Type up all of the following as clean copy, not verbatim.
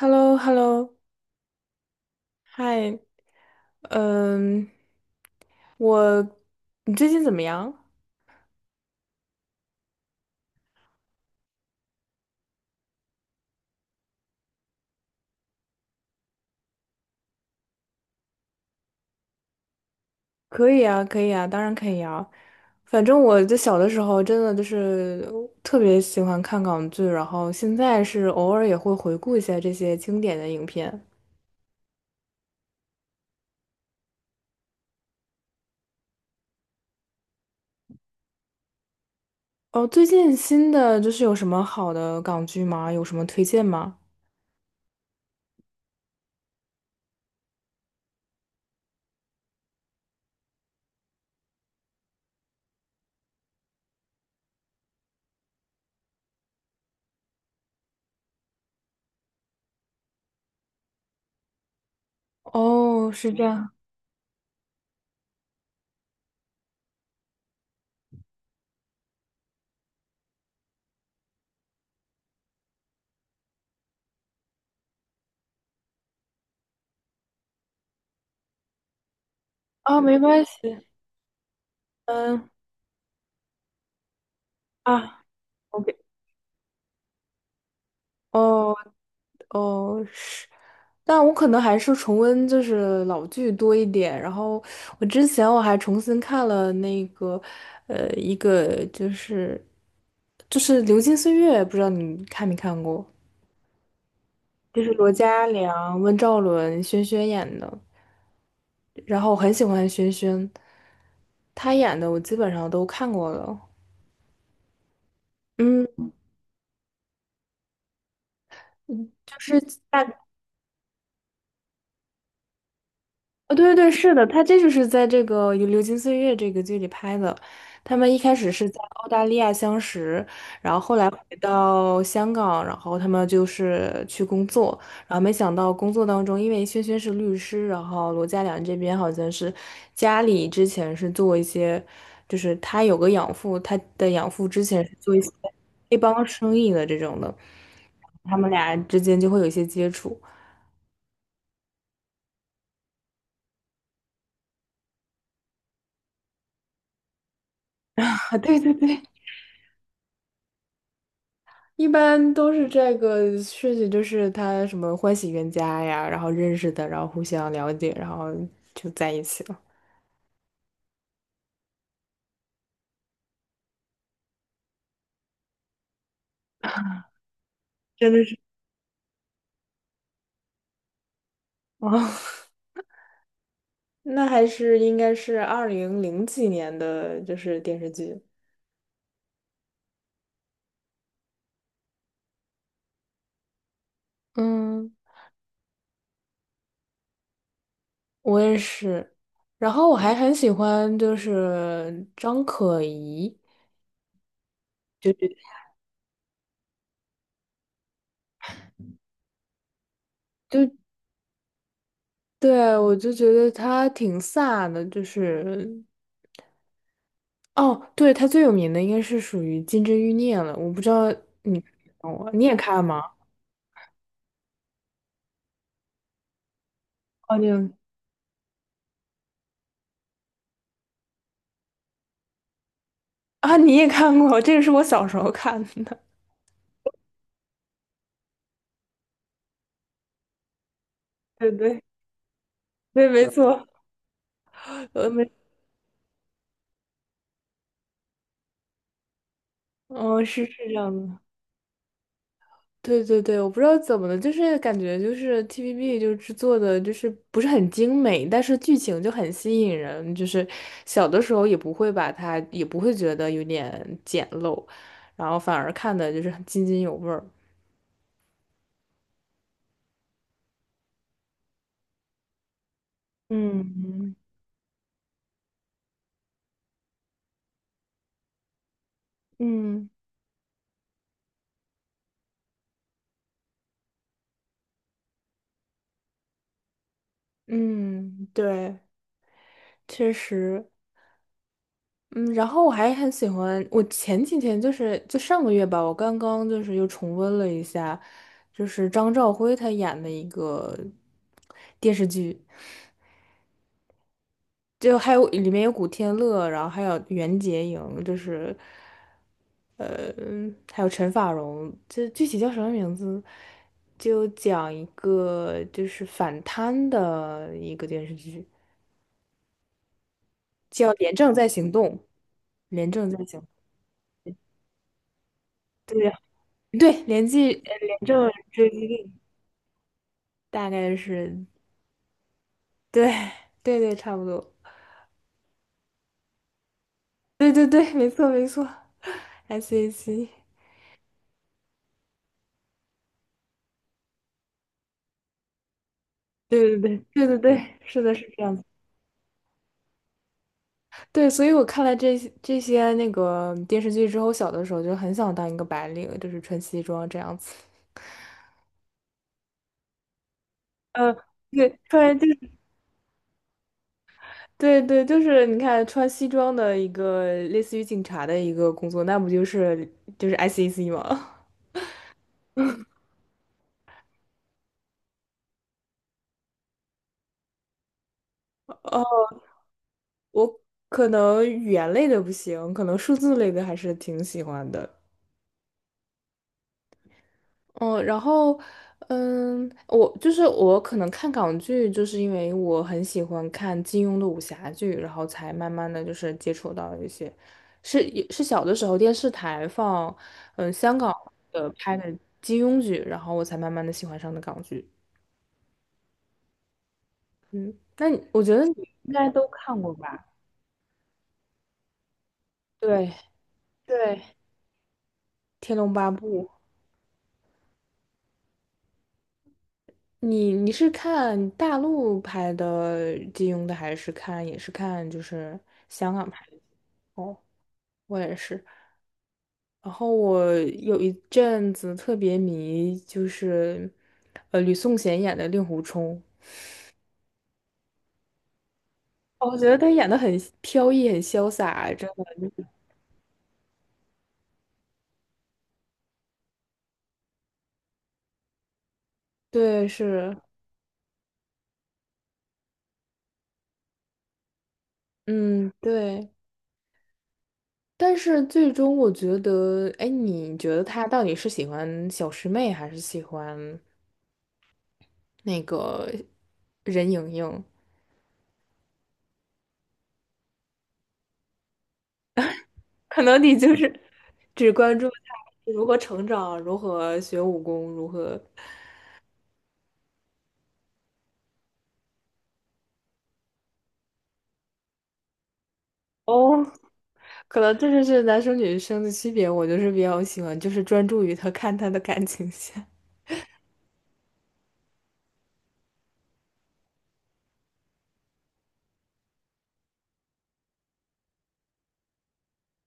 h e l l o h e l l o 嗨。嗯，我，你最近怎么样？可以啊，可以啊，当然可以啊。反正我在小的时候真的就是特别喜欢看港剧，然后现在是偶尔也会回顾一下这些经典的影片。哦，最近新的就是有什么好的港剧吗？有什么推荐吗？哦，是这样。啊，没关系。嗯啊，OK。哦。哦，是，但我可能还是重温就是老剧多一点。然后我之前我还重新看了那个，一个就是《流金岁月》，不知道你看没看过？就是罗嘉良、温兆伦、轩轩演的。然后我很喜欢轩轩，他演的我基本上都看过了。嗯，就是大啊，对对对，是的，他这就是在这个《流金岁月》这个剧里拍的。他们一开始是在澳大利亚相识，然后后来回到香港，然后他们就是去工作，然后没想到工作当中，因为轩轩是律师，然后罗嘉良这边好像是家里之前是做一些，就是他有个养父，他的养父之前是做一些黑帮生意的这种的，他们俩之间就会有一些接触。啊，对对对。一般都是这个事情，就是他什么欢喜冤家呀，然后认识的，然后互相了解，然后就在一起了。真的是哦，那还是应该是二零零几年的，就是电视剧。嗯，我也是。然后我还很喜欢，就是张可颐，就对，我就觉得她挺飒的，就是。哦，对，他最有名的应该是属于《金枝欲孽》了，我不知道你看过你也看吗？哦，你有 啊，你也看过，这个是我小时候看的。对对对，没错，没 嗯，是这样的。对对对，我不知道怎么的，就是感觉就是 TVB 就制作的，就是不是很精美，但是剧情就很吸引人，就是小的时候也不会把它，也不会觉得有点简陋，然后反而看的就是很津津有味儿。嗯嗯。嗯，对，确实。嗯，然后我还很喜欢，我前几天就是就上个月吧，我刚刚就是又重温了一下，就是张兆辉他演的一个电视剧，就还有里面有古天乐，然后还有袁洁莹，就是呃，还有陈法蓉，这具体叫什么名字？就讲一个就是反贪的一个电视剧，叫《廉政在行动》，《廉政在行》。对对，连记廉政追击令大概是对对对，差不多，对对对，没错没错，SAC，对对对对对对，是的，是这样子。对，所以我看了这些那个电视剧之后，小的时候就很想当一个白领，就是穿西装这样子。呃，对，穿就是对对，就是你看穿西装的一个类似于警察的一个工作，那不就是 SEC 吗？我可能语言类的不行，可能数字类的还是挺喜欢的。嗯，然后，嗯，我就是我可能看港剧，就是因为我很喜欢看金庸的武侠剧，然后才慢慢的就是接触到一些，是也是小的时候电视台放，嗯，香港的拍的金庸剧，然后我才慢慢的喜欢上的港剧。嗯，那你我觉得你应该都看过吧？对对，《天龙八部》你是看大陆拍的金庸的，还是看也是看就是香港拍的？哦，我也是。然后我有一阵子特别迷，就是吕颂贤演的令狐冲，哦我觉得他演的很飘逸，很潇洒，真的。对，是，嗯，对。但是最终我觉得，哎，你觉得他到底是喜欢小师妹，还是喜欢那个任盈盈？可能你就是只关注他如何成长、如何学武功、如何哦，可能这就是男生女生的区别。我就是比较喜欢，就是专注于他看他的感情线。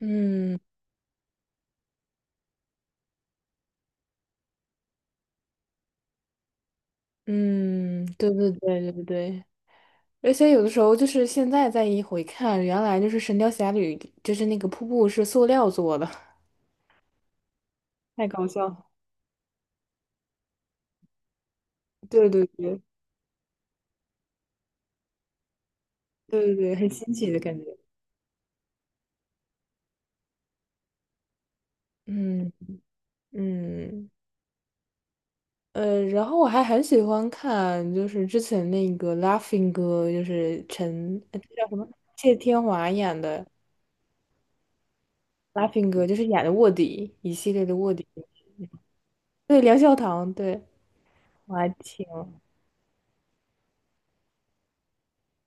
嗯嗯，对对对对对而且有的时候就是现在再一回看，原来就是《神雕侠侣》，就是那个瀑布是塑料做的，太搞笑了。对对对对对对，很新奇的感觉。嗯嗯。然后我还很喜欢看，就是之前那个《Laughing 哥》，就是陈，这叫什么？谢天华演的《Laughing 哥》，就是演的卧底一系列的卧底。对，梁孝堂，对，我还挺，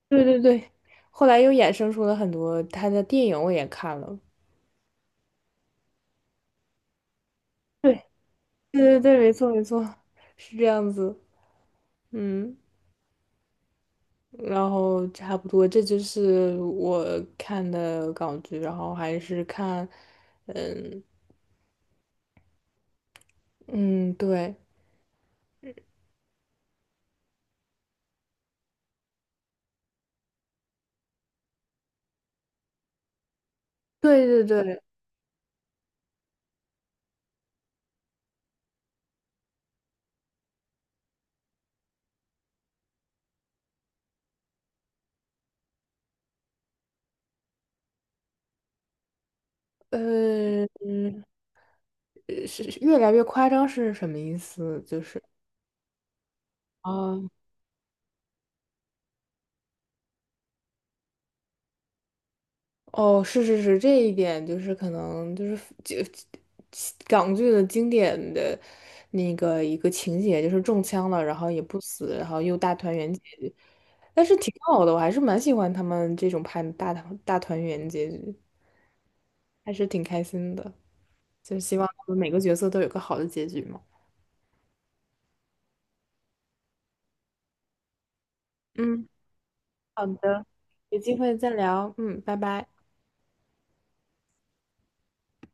对对对。后来又衍生出了很多他的电影，我也看了。对，对对对，没错没错，是这样子。嗯，然后差不多，这就是我看的港剧，然后还是看，嗯。嗯，对，对对对，嗯，是越来越夸张是什么意思？就是啊，哦，是是是，这一点就是可能就是港剧的经典的那个一个情节，就是中枪了，然后也不死，然后又大团圆结局，但是挺好的，我还是蛮喜欢他们这种拍的大团圆结局，还是挺开心的，就希望他们每个角色都有个好的结局嘛。嗯。好的，有机会再聊，嗯，拜拜。